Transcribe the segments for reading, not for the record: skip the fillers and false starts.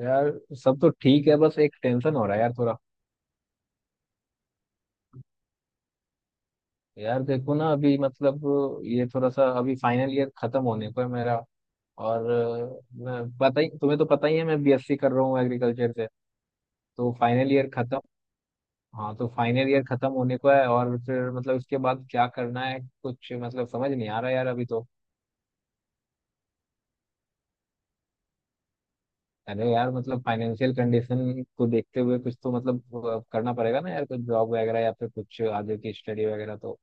यार। सब तो ठीक है, बस एक टेंशन हो रहा है यार थोड़ा। यार देखो ना, अभी मतलब ये थोड़ा सा अभी फाइनल ईयर खत्म होने को है मेरा। और मैं पता ही तुम्हें तो पता ही है, मैं बीएससी कर रहा हूँ एग्रीकल्चर से। तो फाइनल ईयर खत्म। हाँ, तो फाइनल ईयर खत्म होने को है और फिर मतलब इसके बाद क्या करना है, कुछ मतलब समझ नहीं आ रहा यार अभी तो। अरे यार, मतलब फाइनेंशियल कंडीशन को देखते हुए कुछ तो मतलब करना पड़ेगा ना यार, कुछ जॉब वगैरह या फिर कुछ आगे की स्टडी वगैरह तो।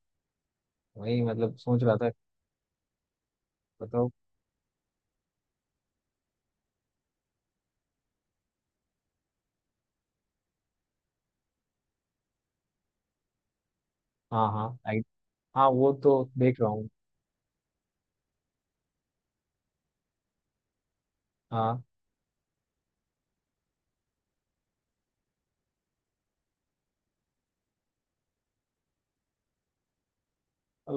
वही मतलब सोच रहा था। बताओ। हाँ हाँ, हाँ वो तो देख रहा हूँ। हाँ,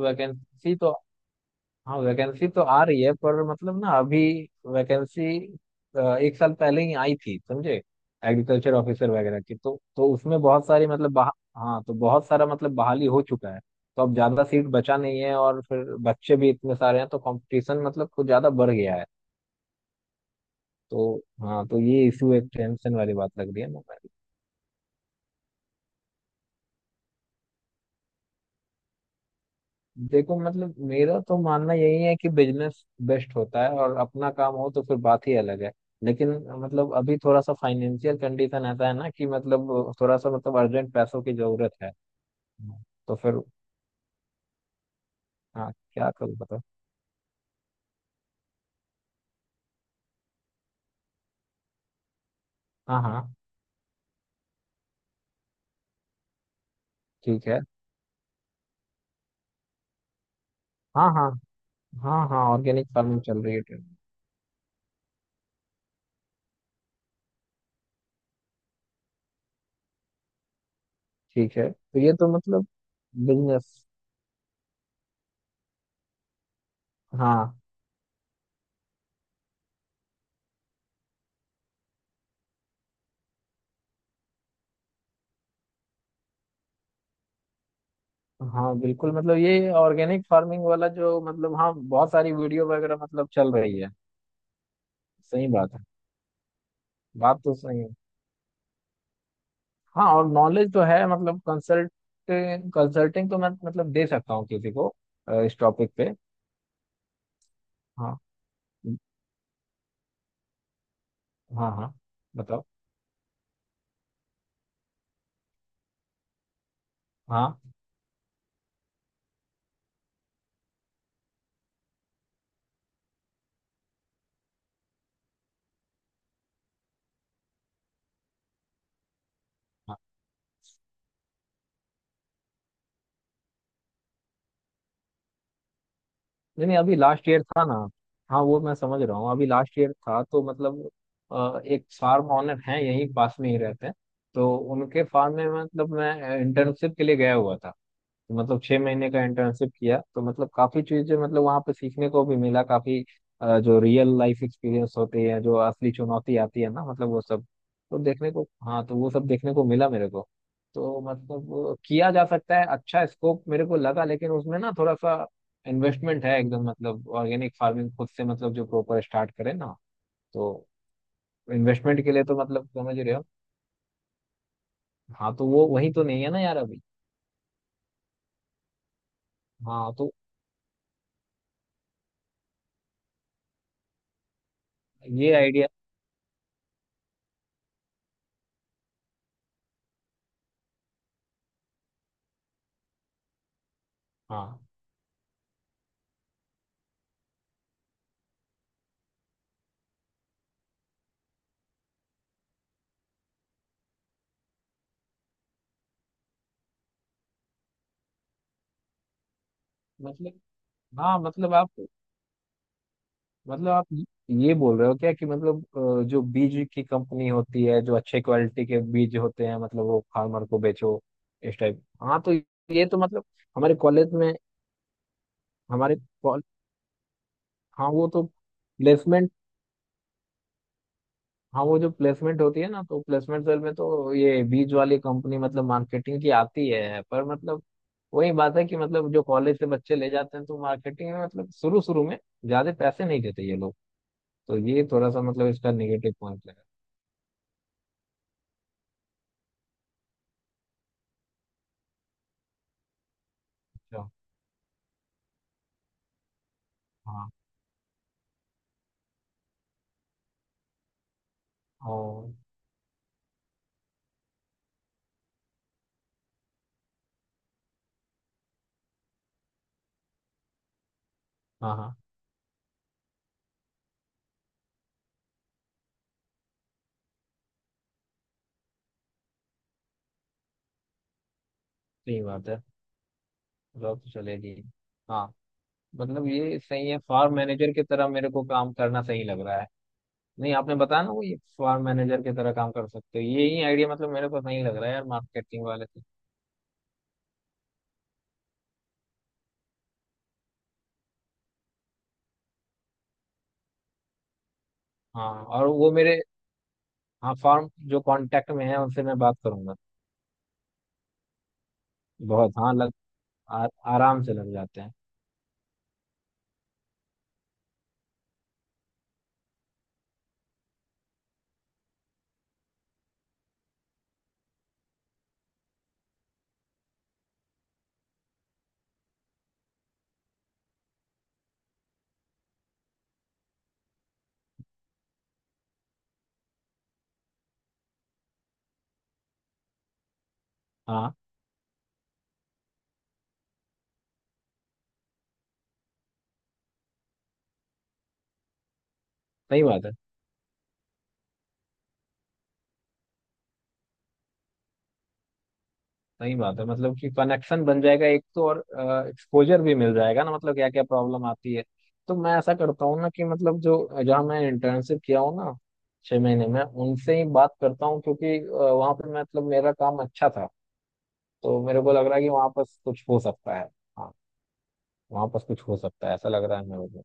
वैकेंसी तो। हाँ, वैकेंसी तो आ रही है, पर मतलब ना अभी। वैकेंसी एक साल पहले ही आई थी समझे। एग्रीकल्चर ऑफिसर वगैरह की तो उसमें बहुत सारी मतलब हाँ तो बहुत सारा मतलब बहाली हो चुका है। तो अब ज्यादा सीट बचा नहीं है, और फिर बच्चे भी इतने सारे हैं तो कंपटीशन मतलब कुछ ज्यादा बढ़ गया है। तो। हाँ तो ये इशू, एक टेंशन वाली बात लग रही है ना। देखो मतलब मेरा तो मानना यही है कि बिजनेस बेस्ट होता है, और अपना काम हो तो फिर बात ही अलग है। लेकिन मतलब अभी थोड़ा सा फाइनेंशियल कंडीशन ऐसा है ना कि मतलब थोड़ा सा मतलब अर्जेंट पैसों की जरूरत है। तो फिर। हाँ, क्या करूँ बताओ। हाँ हाँ। ठीक है। हाँ हाँ। हाँ हाँ, ऑर्गेनिक फार्मिंग चल रही है ट्रेंड। ठीक है, तो ये तो मतलब बिजनेस। हाँ हाँ बिल्कुल, मतलब ये ऑर्गेनिक फार्मिंग वाला जो मतलब हाँ बहुत सारी वीडियो वगैरह मतलब चल रही है। सही बात है। बात तो सही है। हाँ, और नॉलेज तो है, मतलब कंसल्ट, कंसल्टिंग तो मैं मतलब दे सकता हूँ किसी को। इस टॉपिक पे। हाँ। हाँ हाँ। बताओ। हाँ हाँ। नहीं नहीं, अभी लास्ट ईयर था ना। हाँ वो मैं समझ रहा हूँ, अभी लास्ट ईयर था तो मतलब एक फार्म ऑनर हैं, यहीं पास में ही रहते हैं। तो उनके फार्म में मतलब मैं इंटर्नशिप के लिए गया हुआ था। मतलब 6 महीने का इंटर्नशिप किया तो मतलब काफी चीजें मतलब वहां पे सीखने को भी मिला काफी। जो रियल लाइफ एक्सपीरियंस होते हैं, जो असली चुनौती आती है ना मतलब वो सब तो देखने को, हाँ तो वो सब देखने को मिला मेरे को। तो मतलब वो किया जा सकता है, अच्छा स्कोप मेरे को लगा, लेकिन उसमें ना थोड़ा सा इन्वेस्टमेंट है एकदम, मतलब ऑर्गेनिक फार्मिंग खुद से मतलब जो प्रॉपर स्टार्ट करे ना, तो इन्वेस्टमेंट के लिए तो मतलब समझ रहे हो। हाँ तो वो वही तो नहीं है ना यार अभी। हाँ तो ये आइडिया। हाँ मतलब। हाँ मतलब आप, मतलब आप ये बोल रहे हो क्या कि मतलब जो बीज की कंपनी होती है, जो अच्छे क्वालिटी के बीज होते हैं, मतलब वो फार्मर को बेचो, इस टाइप। हाँ तो ये तो मतलब हमारे कॉलेज में, हमारे कॉल- हाँ वो तो प्लेसमेंट। हाँ वो जो प्लेसमेंट होती है ना, तो प्लेसमेंट सेल में तो ये बीज वाली कंपनी मतलब मार्केटिंग की आती है, पर मतलब वही बात है कि मतलब जो कॉलेज से बच्चे ले जाते हैं तो मार्केटिंग में मतलब शुरू शुरू में ज्यादा पैसे नहीं देते ये लोग। तो ये थोड़ा सा मतलब इसका नेगेटिव पॉइंट है। अच्छा। हाँ, और। हाँ हाँ। सही बात है। जॉब तो चलेगी। हाँ, मतलब ये सही है, फार्म मैनेजर की तरह मेरे को काम करना सही लग रहा है। नहीं, आपने बताया ना वो, ये फार्म मैनेजर की तरह काम कर सकते हो, ये ही आइडिया मतलब मेरे को सही लग रहा है यार मार्केटिंग वाले से। हाँ, और वो मेरे, हाँ फार्म जो कांटेक्ट में है उनसे मैं बात करूंगा। बहुत हाँ लग, आ, आराम से लग जाते हैं। हाँ सही बात है। सही बात है, मतलब कि कनेक्शन बन जाएगा एक तो, और एक्सपोजर भी मिल जाएगा ना, मतलब क्या क्या प्रॉब्लम आती है। तो मैं ऐसा करता हूँ ना, कि मतलब जो जहाँ मैं इंटर्नशिप किया हूँ ना 6 महीने में, उनसे ही बात करता हूँ क्योंकि वहाँ पे मैं मतलब मेरा काम अच्छा था। तो मेरे को लग रहा है कि वहाँ पर कुछ हो सकता है। हाँ, वहाँ पर कुछ हो सकता है, ऐसा लग रहा है मेरे को।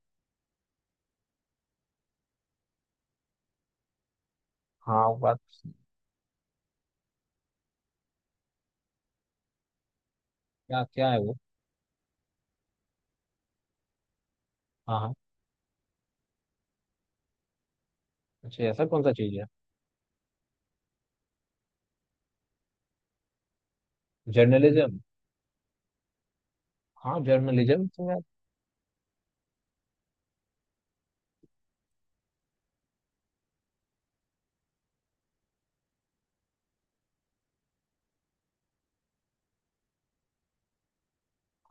हाँ वो बात। क्या क्या है वो। हाँ हाँ। अच्छा, ऐसा कौन सा चीज़ है। जर्नलिज्म। हाँ जर्नलिज्म तो यार।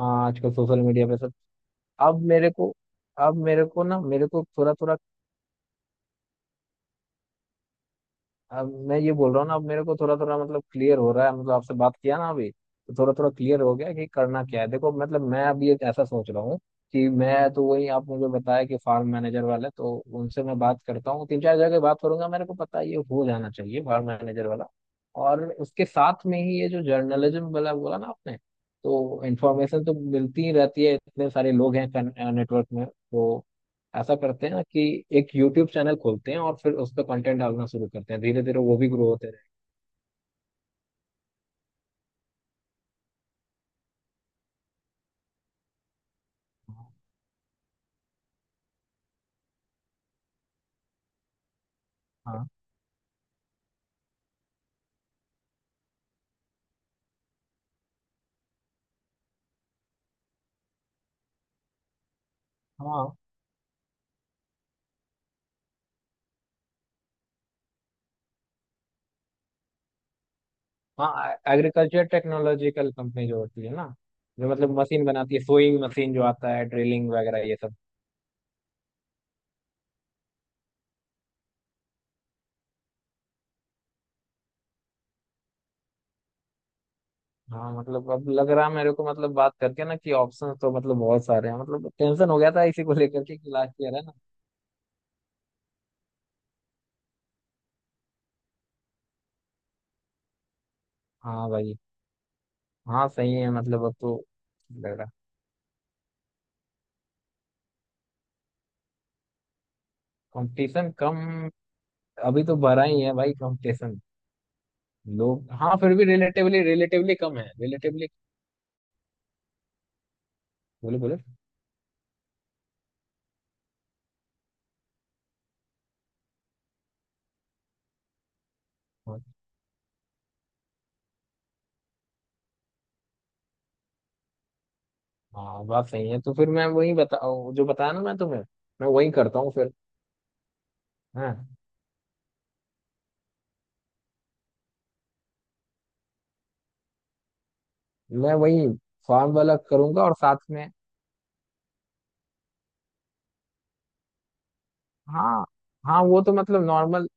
हाँ, आजकल सोशल मीडिया पे सब। अब मेरे को, अब मेरे को ना, मेरे को थोड़ा थोड़ा, अब मैं ये बोल रहा हूँ ना, अब मेरे को थोड़ा थोड़ा मतलब क्लियर हो रहा है, मतलब आपसे बात किया ना अभी तो थोड़ा थोड़ा क्लियर हो गया कि करना क्या है। देखो मतलब मैं अभी एक ऐसा सोच रहा हूँ कि मैं तो वही आप मुझे बताया कि फार्म मैनेजर वाले, तो उनसे मैं बात करता हूँ, तीन चार जगह बात करूंगा, मेरे को पता है ये हो जाना चाहिए, फार्म मैनेजर वाला। और उसके साथ में ही ये जो जर्नलिज्म वाला बोला ना आपने, तो इंफॉर्मेशन तो मिलती ही रहती है, इतने सारे लोग हैं नेटवर्क में तो। ऐसा करते हैं ना कि एक यूट्यूब चैनल खोलते हैं, और फिर उस पर कंटेंट डालना शुरू करते हैं, धीरे धीरे वो भी ग्रो होते रहेगा। हाँ। हाँ हाँ, एग्रीकल्चर टेक्नोलॉजिकल कंपनी जो होती है ना, जो मतलब मशीन बनाती है, सोइंग मशीन जो आता है, ड्रिलिंग वगैरह ये सब। हाँ मतलब अब लग रहा है मेरे को, मतलब बात करके ना, कि ऑप्शन तो मतलब बहुत सारे हैं, मतलब टेंशन हो गया था इसी को लेकर के, कि लास्ट ईयर है ना। हाँ भाई। हाँ सही है मतलब अब तो लग रहा। कंपटीशन कम? अभी तो बढ़ा ही है भाई कंपटीशन। लोग, हाँ फिर भी रिलेटिवली, कम है रिलेटिवली। बोले बोले। हाँ हाँ, बात सही है, तो फिर मैं वही बता, जो बताया ना मैं तुम्हें, मैं वही करता हूँ फिर। हाँ, मैं वही फॉर्म वाला करूंगा और साथ में। हाँ, हाँ वो तो मतलब नॉर्मल।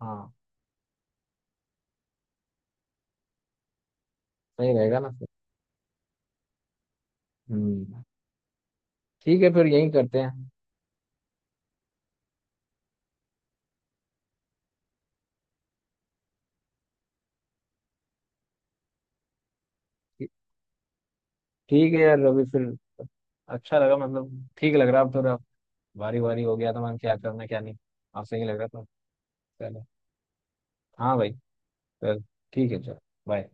हाँ। सही रहेगा ना फिर। हम्म। ठीक है फिर यही करते हैं। ठी- ठीक है यार रवि फिर। अच्छा लगा, मतलब ठीक लग रहा अब थोड़ा, बारी बारी हो गया तो, मैं क्या करना क्या नहीं। आप सही लग रहा था। चलो। हाँ भाई। चल। ठीक है चलो। बाय।